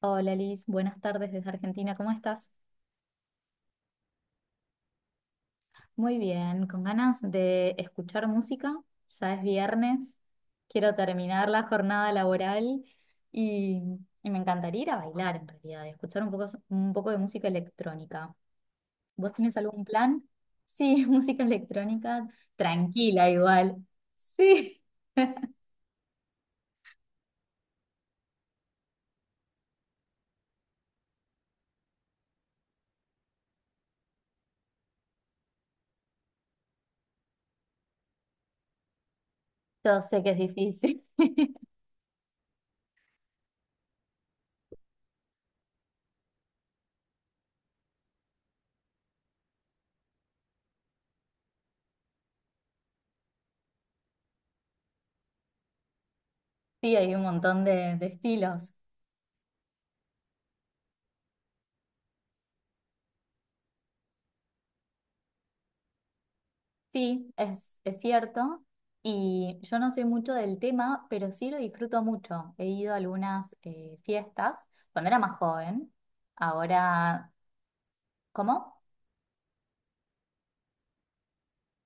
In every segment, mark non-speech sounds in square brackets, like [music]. Hola Liz, buenas tardes desde Argentina, ¿cómo estás? Muy bien, con ganas de escuchar música, ya es viernes, quiero terminar la jornada laboral y, y me encantaría ir a bailar en realidad, y escuchar un poco de música electrónica. ¿Vos tenés algún plan? Sí, [laughs] música electrónica, tranquila igual. Sí, [laughs] yo sé que es difícil. [laughs] Sí, hay un montón de estilos. Sí, es cierto. Y yo no soy mucho del tema, pero sí lo disfruto mucho. He ido a algunas fiestas cuando era más joven. Ahora, ¿cómo?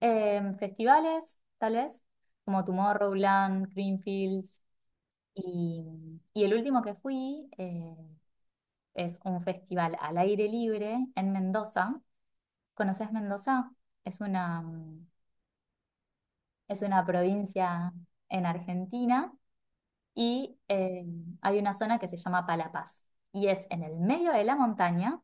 Festivales, tal vez, como Tomorrowland, Greenfields. Y el último que fui es un festival al aire libre en Mendoza. ¿Conoces Mendoza? Es una, mm, es una provincia en Argentina y hay una zona que se llama Palapaz y es en el medio de la montaña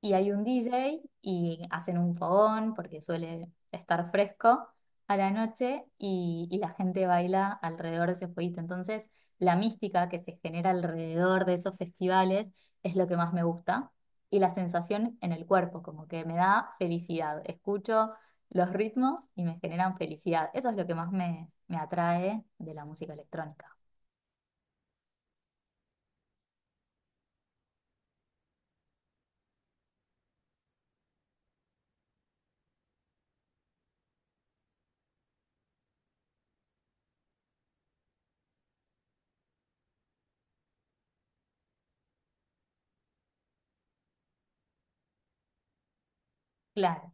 y hay un DJ y hacen un fogón porque suele estar fresco a la noche y la gente baila alrededor de ese fueguito. Entonces, la mística que se genera alrededor de esos festivales es lo que más me gusta y la sensación en el cuerpo, como que me da felicidad. Escucho los ritmos y me generan felicidad. Eso es lo que más me atrae de la música electrónica. Claro.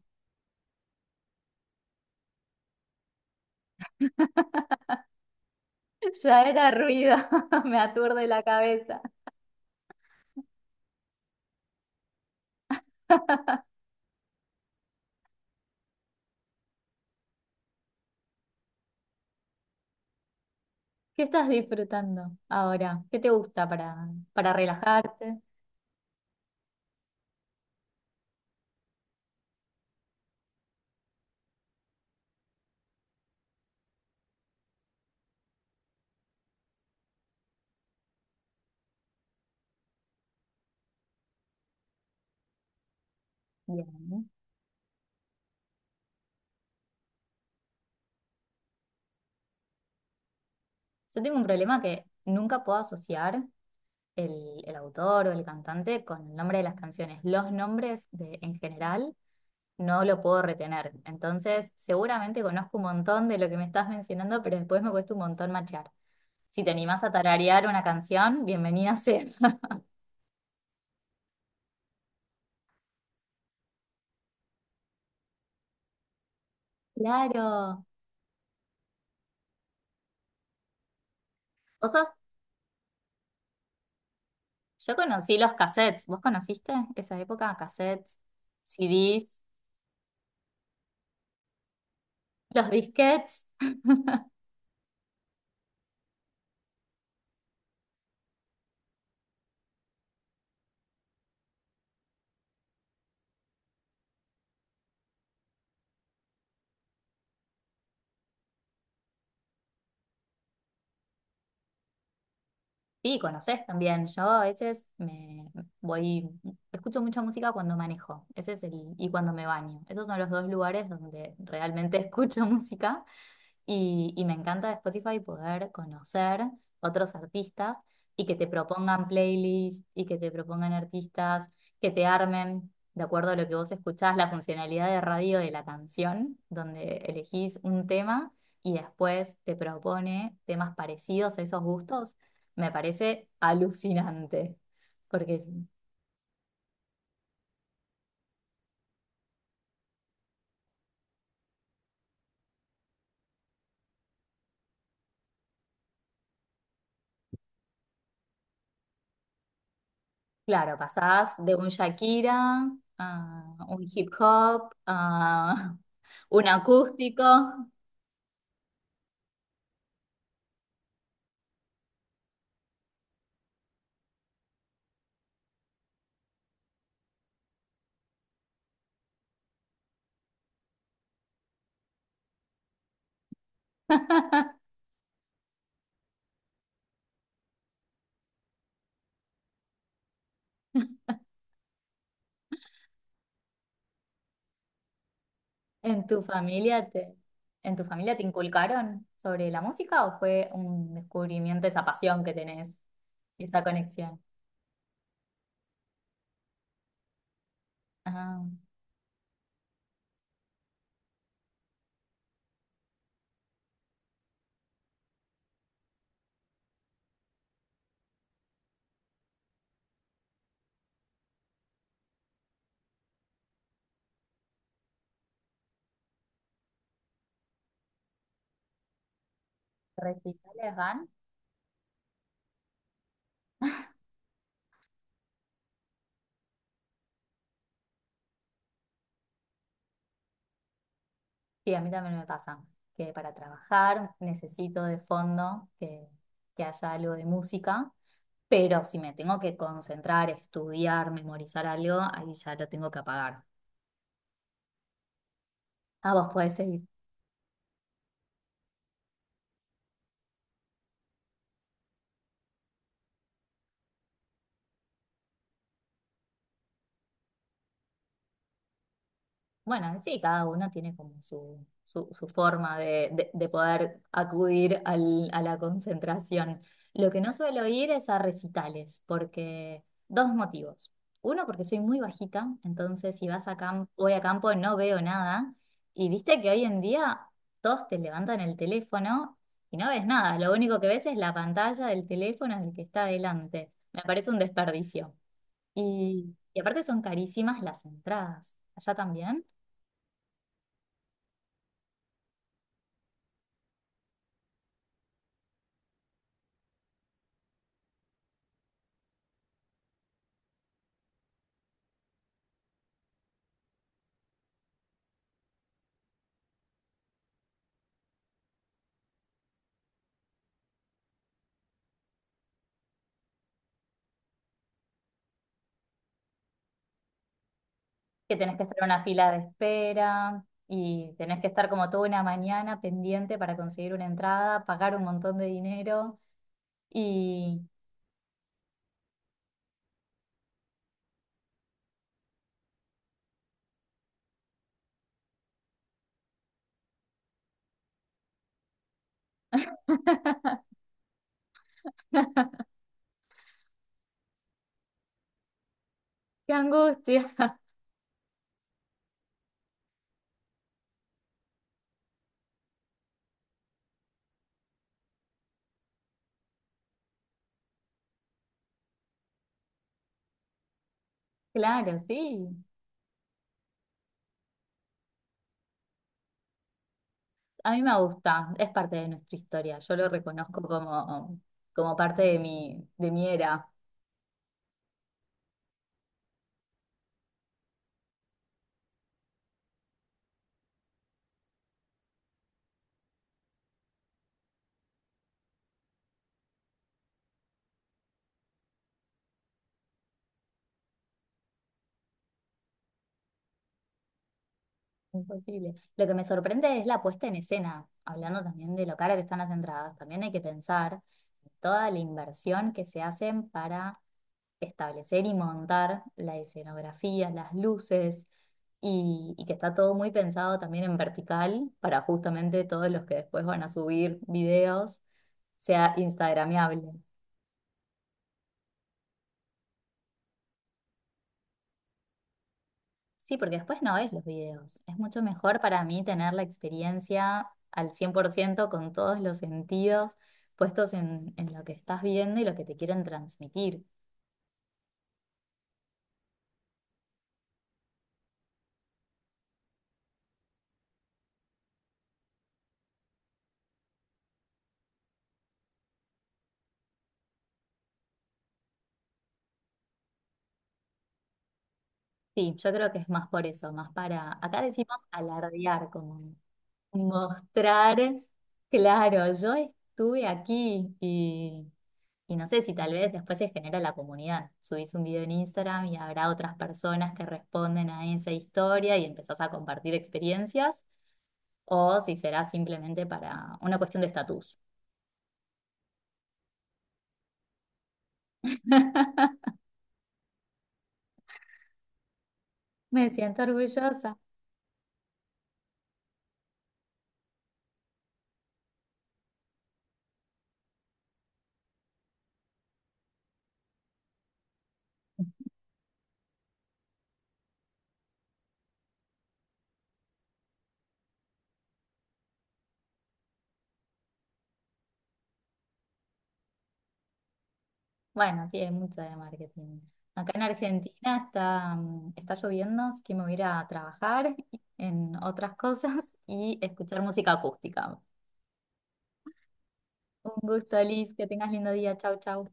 Ya era ruido, [laughs] me aturde la cabeza. ¿Qué estás disfrutando ahora? ¿Qué te gusta para relajarte? Bien. ¿No? Yo tengo un problema que nunca puedo asociar el autor o el cantante con el nombre de las canciones. Los nombres de, en general no lo puedo retener. Entonces, seguramente conozco un montón de lo que me estás mencionando, pero después me cuesta un montón machear. Si te animás a tararear una canción, bienvenida sea. [laughs] Claro. ¿Vos sos Yo conocí los cassettes. ¿Vos conociste esa época? Cassettes, CDs, los disquetes. Sí, conocés también. Yo a veces me voy, escucho mucha música cuando manejo. Ese es el, y cuando me baño. Esos son los dos lugares donde realmente [laughs] escucho música. Y me encanta de Spotify poder conocer otros artistas y que te propongan playlists y que te propongan artistas que te armen de acuerdo a lo que vos escuchás, la funcionalidad de radio de la canción, donde elegís un tema y después te propone temas parecidos a esos gustos, me parece alucinante. Porque, claro, pasás de un Shakira a un hip hop a [laughs] un acústico. [laughs] ¿En tu familia te, en tu familia te inculcaron sobre la música o fue un descubrimiento esa pasión que tenés, esa conexión? Ah, ¿recitales van? Sí, a mí también me pasa que, para trabajar necesito de fondo que haya algo de música, pero si me tengo que concentrar, estudiar, memorizar algo, ahí ya lo tengo que apagar. Ah, vos podés seguir. Bueno, sí, cada uno tiene como su forma de poder acudir a la concentración. Lo que no suelo ir es a recitales, porque dos motivos. Uno, porque soy muy bajita, entonces si vas a campo, voy a campo no veo nada. Y viste que hoy en día todos te levantan el teléfono y no ves nada. Lo único que ves es la pantalla del teléfono del que está adelante. Me parece un desperdicio. Y aparte son carísimas las entradas. ¿Allá también? Que tenés que estar en una fila de espera y tenés que estar como toda una mañana pendiente para conseguir una entrada, pagar un montón de dinero y [laughs] qué angustia. Claro, sí. A mí me gusta, es parte de nuestra historia. Yo lo reconozco como, como parte de mi era. Imposible. Lo que me sorprende es la puesta en escena, hablando también de lo cara que están las entradas. También hay que pensar en toda la inversión que se hacen para establecer y montar la escenografía, las luces, y que está todo muy pensado también en vertical para justamente todos los que después van a subir videos sea instagramiable. Sí, porque después no ves los videos. Es mucho mejor para mí tener la experiencia al 100% con todos los sentidos puestos en lo que estás viendo y lo que te quieren transmitir. Sí, yo creo que es más por eso, más para, acá decimos alardear, como mostrar, claro, yo estuve aquí y no sé si tal vez después se genera la comunidad. Subís un video en Instagram y habrá otras personas que responden a esa historia y empezás a compartir experiencias, o si será simplemente para una cuestión de estatus. [laughs] Me siento orgullosa. Bueno, sí, hay mucho de marketing. Acá en Argentina está lloviendo, así que me voy a ir a trabajar en otras cosas y escuchar música acústica. Un gusto, Liz. Que tengas lindo día. Chau, chau.